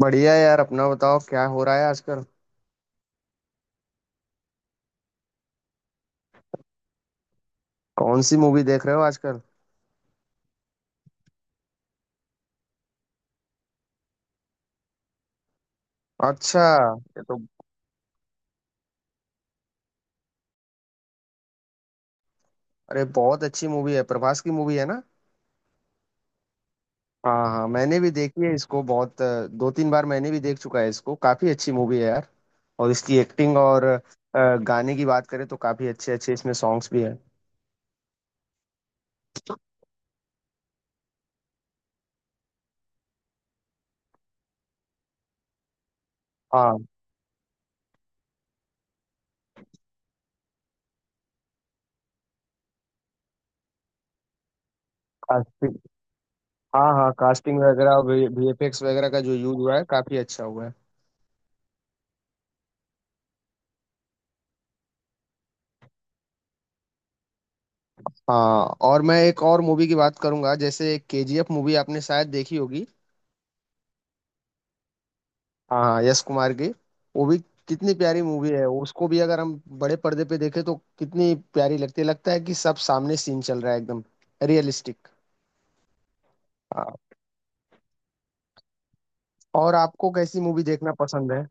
बढ़िया है यार। अपना बताओ क्या हो रहा है आजकल। कौन सी मूवी देख रहे हो आजकल? अच्छा। ये तो, अरे बहुत अच्छी मूवी है, प्रभास की मूवी है ना। हाँ हाँ, मैंने भी देखी है इसको बहुत दो तीन बार मैंने भी देख चुका है इसको। काफी अच्छी मूवी है यार। और इसकी एक्टिंग और गाने की बात करें तो काफी अच्छे अच्छे इसमें सॉन्ग्स भी हैं। हाँ, कास्टिंग। हाँ हाँ, कास्टिंग वगैरह। वीएफएक्स वगैरह का जो यूज हुआ है काफी अच्छा हुआ है। हाँ, और मैं एक और मूवी की बात करूंगा, जैसे केजीएफ मूवी आपने शायद देखी होगी। हाँ हाँ, यश कुमार की। वो भी कितनी प्यारी मूवी है, उसको भी अगर हम बड़े पर्दे पे देखें तो कितनी प्यारी लगती है, लगता है कि सब सामने सीन चल रहा है एकदम रियलिस्टिक। हाँ, और आपको कैसी मूवी देखना पसंद है?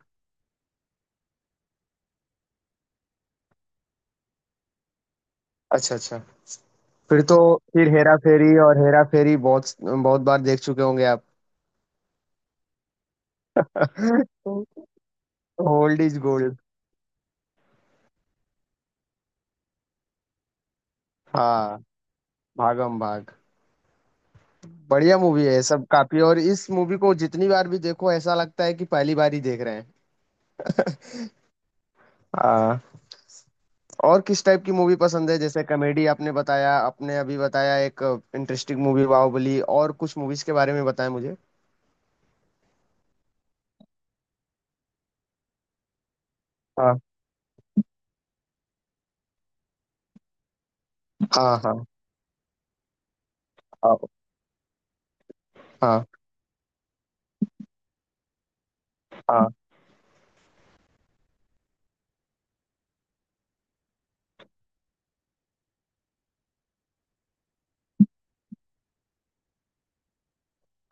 अच्छा अच्छा। फिर तो, फिर हेरा फेरी और हेरा फेरी बहुत बहुत बार देख चुके होंगे आप। Old is gold. हाँ, भागम भाग। बढ़िया मूवी है सब काफी, और इस मूवी को जितनी बार भी देखो ऐसा लगता है कि पहली बार ही देख रहे हैं। हाँ। और किस टाइप की मूवी पसंद है? जैसे कॉमेडी आपने बताया, आपने अभी बताया एक इंटरेस्टिंग मूवी बाहुबली और कुछ मूवीज के बारे में बताया मुझे। हाँ, हाँ, हाँ, हाँ, हाँ, हाँ।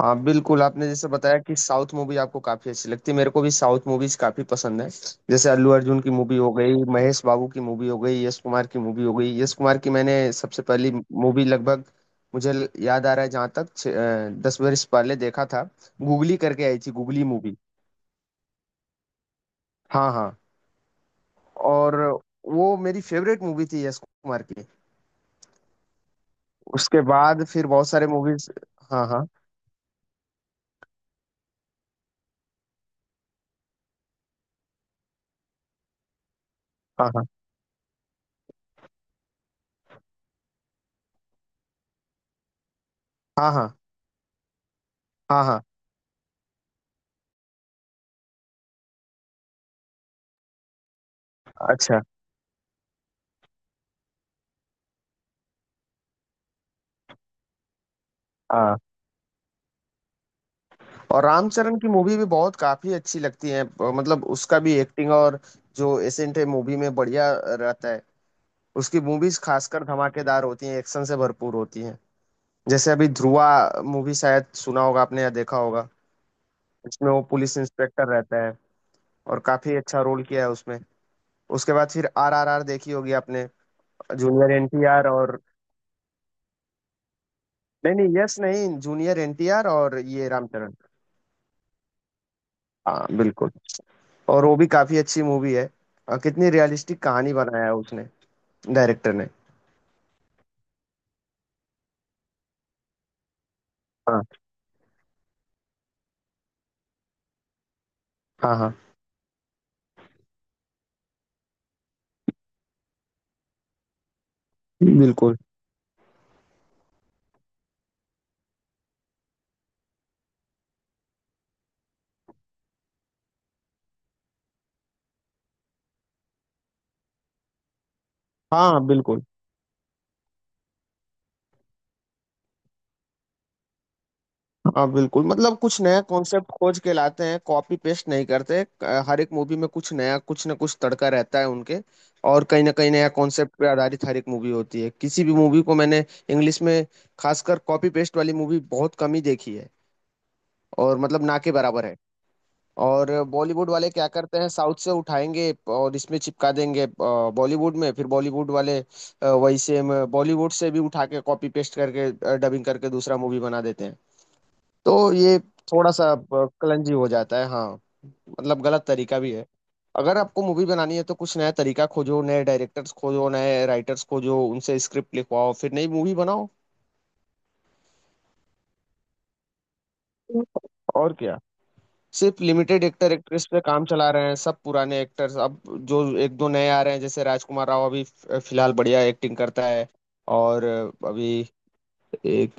हाँ बिल्कुल, आपने जैसे बताया कि साउथ मूवी आपको काफी अच्छी लगती है। मेरे को भी साउथ मूवीज काफी पसंद है। जैसे अल्लू अर्जुन की मूवी हो गई, महेश बाबू की मूवी हो गई, यश कुमार की मूवी हो गई। यश कुमार की मैंने सबसे पहली मूवी लगभग याद आ रहा है, जहाँ तक दस बरस पहले देखा था। गूगली करके आई थी गूगली मूवी। हाँ हाँ। और वो मेरी फेवरेट मूवी थी यश कुमार की। उसके बाद फिर बहुत सारे मूवीज। हाँ, हाँ, हाँ, हाँ, हाँ, हाँ, हाँ, हाँ, अच्छा, हाँ। और रामचरण की मूवी भी बहुत काफी अच्छी लगती है, मतलब उसका भी एक्टिंग और जो एसेंट है मूवी में बढ़िया रहता है। उसकी मूवीज खासकर धमाकेदार होती हैं, एक्शन से भरपूर होती हैं। जैसे अभी ध्रुवा मूवी शायद सुना होगा आपने या देखा होगा। इसमें वो पुलिस इंस्पेक्टर रहता है और काफी अच्छा रोल किया है उसमें। उसके बाद फिर आर आर आर देखी होगी आपने। जूनियर एनटीआर और नहीं नहीं, यस नहीं, जूनियर एनटीआर और ये रामचरण। हाँ बिल्कुल। और वो भी काफी अच्छी मूवी है। कितनी रियलिस्टिक कहानी बनाया है उसने, डायरेक्टर ने। हाँ हाँ हाँ बिल्कुल। हाँ बिल्कुल। हाँ बिल्कुल। मतलब कुछ नया कॉन्सेप्ट खोज के लाते हैं, कॉपी पेस्ट नहीं करते। हर एक मूवी में कुछ नया, कुछ ना कुछ तड़का रहता है उनके। और कहीं ना कहीं नया कॉन्सेप्ट पे आधारित हर एक मूवी होती है। किसी भी मूवी को मैंने इंग्लिश में खासकर कॉपी पेस्ट वाली मूवी बहुत कम ही देखी है, और मतलब ना के बराबर है। और बॉलीवुड वाले क्या करते हैं, साउथ से उठाएंगे और इसमें चिपका देंगे। बॉलीवुड में, फिर बॉलीवुड वाले वही सेम बॉलीवुड से भी उठा के कॉपी पेस्ट करके डबिंग करके दूसरा मूवी बना देते हैं। तो ये थोड़ा सा कलंजी हो जाता है, हाँ। मतलब गलत तरीका भी है। अगर आपको मूवी बनानी है तो कुछ नया तरीका खोजो, नए डायरेक्टर्स खोजो, नए राइटर्स खोजो, उनसे स्क्रिप्ट लिखवाओ, फिर नई मूवी बनाओ। और क्या, सिर्फ लिमिटेड एक्टर एक्ट्रेस पे काम चला रहे हैं सब पुराने एक्टर्स अब। जो एक दो नए आ रहे हैं जैसे राजकुमार राव, अभी फिलहाल बढ़िया एक्टिंग करता है। और अभी एक,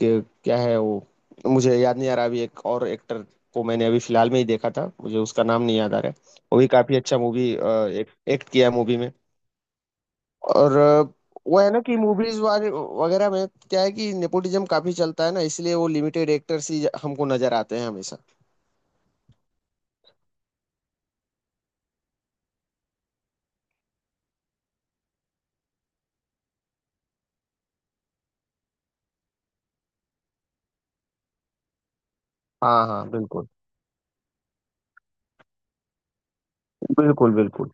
क्या है वो, मुझे याद नहीं आ रहा। अभी एक और एक्टर को मैंने अभी फिलहाल में ही देखा था, मुझे उसका नाम नहीं याद आ रहा है। वो भी काफी अच्छा मूवी एक्ट किया मूवी में। और वो है ना कि मूवीज वगैरह में क्या है कि नेपोटिज्म काफी चलता है ना, इसलिए वो लिमिटेड एक्टर्स ही हमको नजर आते हैं हमेशा। हाँ हाँ, बिल्कुल बिल्कुल बिल्कुल।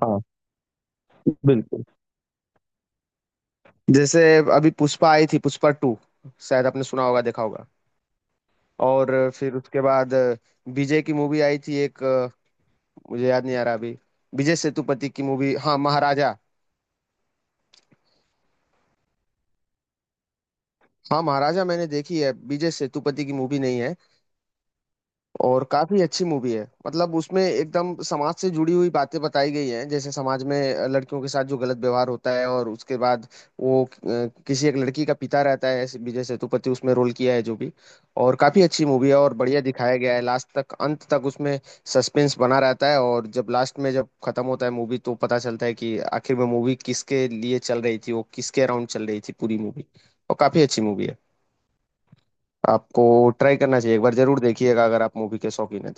हाँ बिल्कुल। जैसे अभी पुष्पा आई थी, पुष्पा टू, शायद आपने सुना होगा, देखा होगा। और फिर उसके बाद विजय की मूवी आई थी एक, मुझे याद नहीं आ रहा अभी। विजय सेतुपति की मूवी, हाँ, महाराजा। हाँ, महाराजा मैंने देखी है, विजय सेतुपति की मूवी नहीं है। और काफी अच्छी मूवी है, मतलब उसमें एकदम समाज से जुड़ी हुई बातें बताई गई हैं, जैसे समाज में लड़कियों के साथ जो गलत व्यवहार होता है। और उसके बाद वो किसी एक लड़की का पिता रहता है ऐसे, विजय सेतुपति उसमें रोल किया है जो भी। और काफी अच्छी मूवी है, और बढ़िया दिखाया गया है। लास्ट तक, अंत तक उसमें सस्पेंस बना रहता है, और जब लास्ट में जब खत्म होता है मूवी तो पता चलता है कि आखिर में मूवी किसके लिए चल रही थी, वो किसके अराउंड चल रही थी पूरी मूवी। और काफी अच्छी मूवी है। आपको ट्राई करना चाहिए, एक बार जरूर देखिएगा अगर आप मूवी के शौकीन हैं।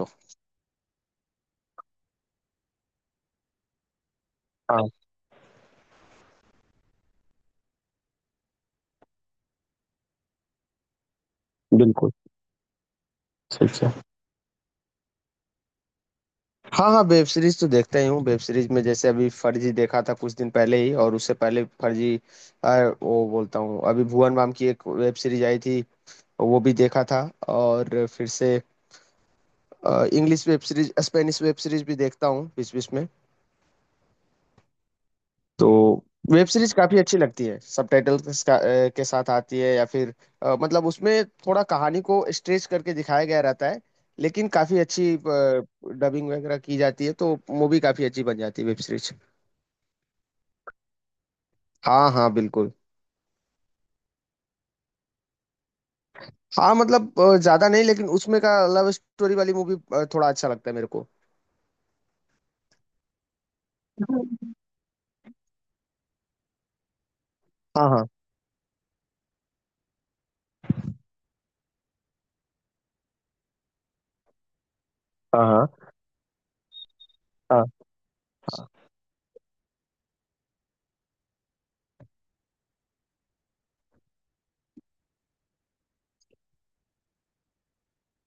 तो बिल्कुल, सही कहा। हाँ, हाँ, वेब सीरीज़ तो देखता ही हूँ। वेब सीरीज़ में जैसे अभी फर्जी देखा था कुछ दिन पहले ही, और उससे पहले फर्जी, अ, वो बोलता हूँ, अभी भुवन बाम की एक वेब सीरीज़ आई थी, वो भी देखा था। और फिर से English web series, Spanish web series भी देखता हूँ बीच-बीच में। तो वेब सीरीज काफी अच्छी लगती है, सबटाइटल के के साथ आती है, या फिर मतलब उसमें थोड़ा कहानी को स्ट्रेच करके दिखाया गया रहता है, लेकिन काफी अच्छी डबिंग वगैरह की जाती है तो मूवी काफी अच्छी बन जाती है, वेब सीरीज। हाँ हाँ बिल्कुल। हाँ मतलब ज्यादा नहीं, लेकिन उसमें का लव स्टोरी वाली मूवी थोड़ा अच्छा लगता है मेरे को। हाँ, हाँ, हाँ, हाँ, हाँ,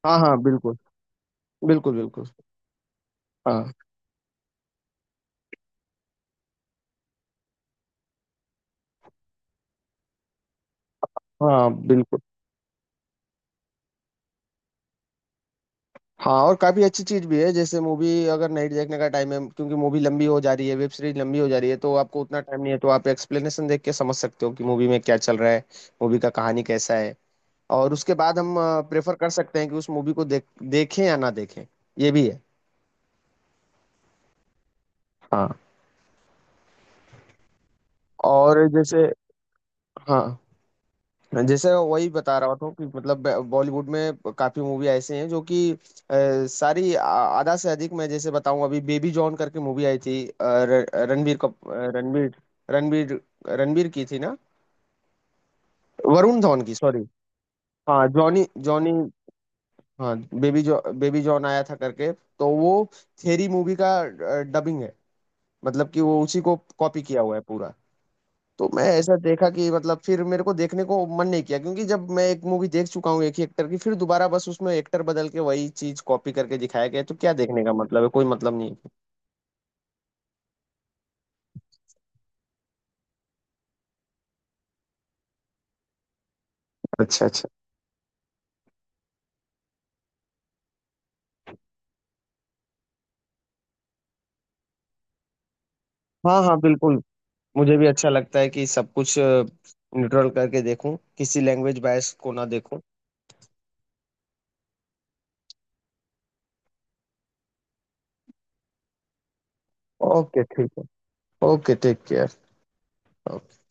हाँ, हाँ बिल्कुल बिल्कुल बिल्कुल। हाँ हाँ बिल्कुल। हाँ। और काफी अच्छी चीज भी है। जैसे मूवी अगर नहीं देखने का टाइम है, क्योंकि मूवी लंबी हो जा रही है, वेब सीरीज लंबी हो जा रही है, तो आपको उतना टाइम नहीं है, तो आप एक्सप्लेनेशन देख के समझ सकते हो कि मूवी में क्या चल रहा है, मूवी का कहानी कैसा है। और उसके बाद हम प्रेफर कर सकते हैं कि उस मूवी को देख देखें या ना देखें, ये भी है। हाँ। और जैसे, हाँ, जैसे वही बता रहा था कि मतलब बॉलीवुड में काफी मूवी ऐसे हैं जो कि अ, सारी आ- आधा से अधिक, मैं जैसे बताऊं, अभी बेबी जॉन करके मूवी आई थी। अ, र- रणबीर कप अ, रणबीर रणबीर रणबीर की थी ना? वरुण धवन की, सॉरी। हाँ, जॉनी जॉनी, हाँ, बेबी जॉन आया था करके। तो वो थेरी मूवी का डबिंग है, मतलब कि वो उसी को कॉपी किया हुआ है पूरा। तो मैं ऐसा देखा कि मतलब फिर मेरे को देखने को मन नहीं किया, क्योंकि जब मैं एक मूवी देख चुका हूँ एक ही एक्टर की, फिर दोबारा बस उसमें एक्टर बदल के वही चीज कॉपी करके दिखाया गया है, तो क्या देखने का मतलब है, कोई मतलब नहीं है। अच्छा अच्छा। हाँ हाँ बिल्कुल, मुझे भी अच्छा लगता है कि सब कुछ न्यूट्रल करके देखूं, किसी लैंग्वेज बायस को ना देखूं। ओके ठीक है। Okay, take care.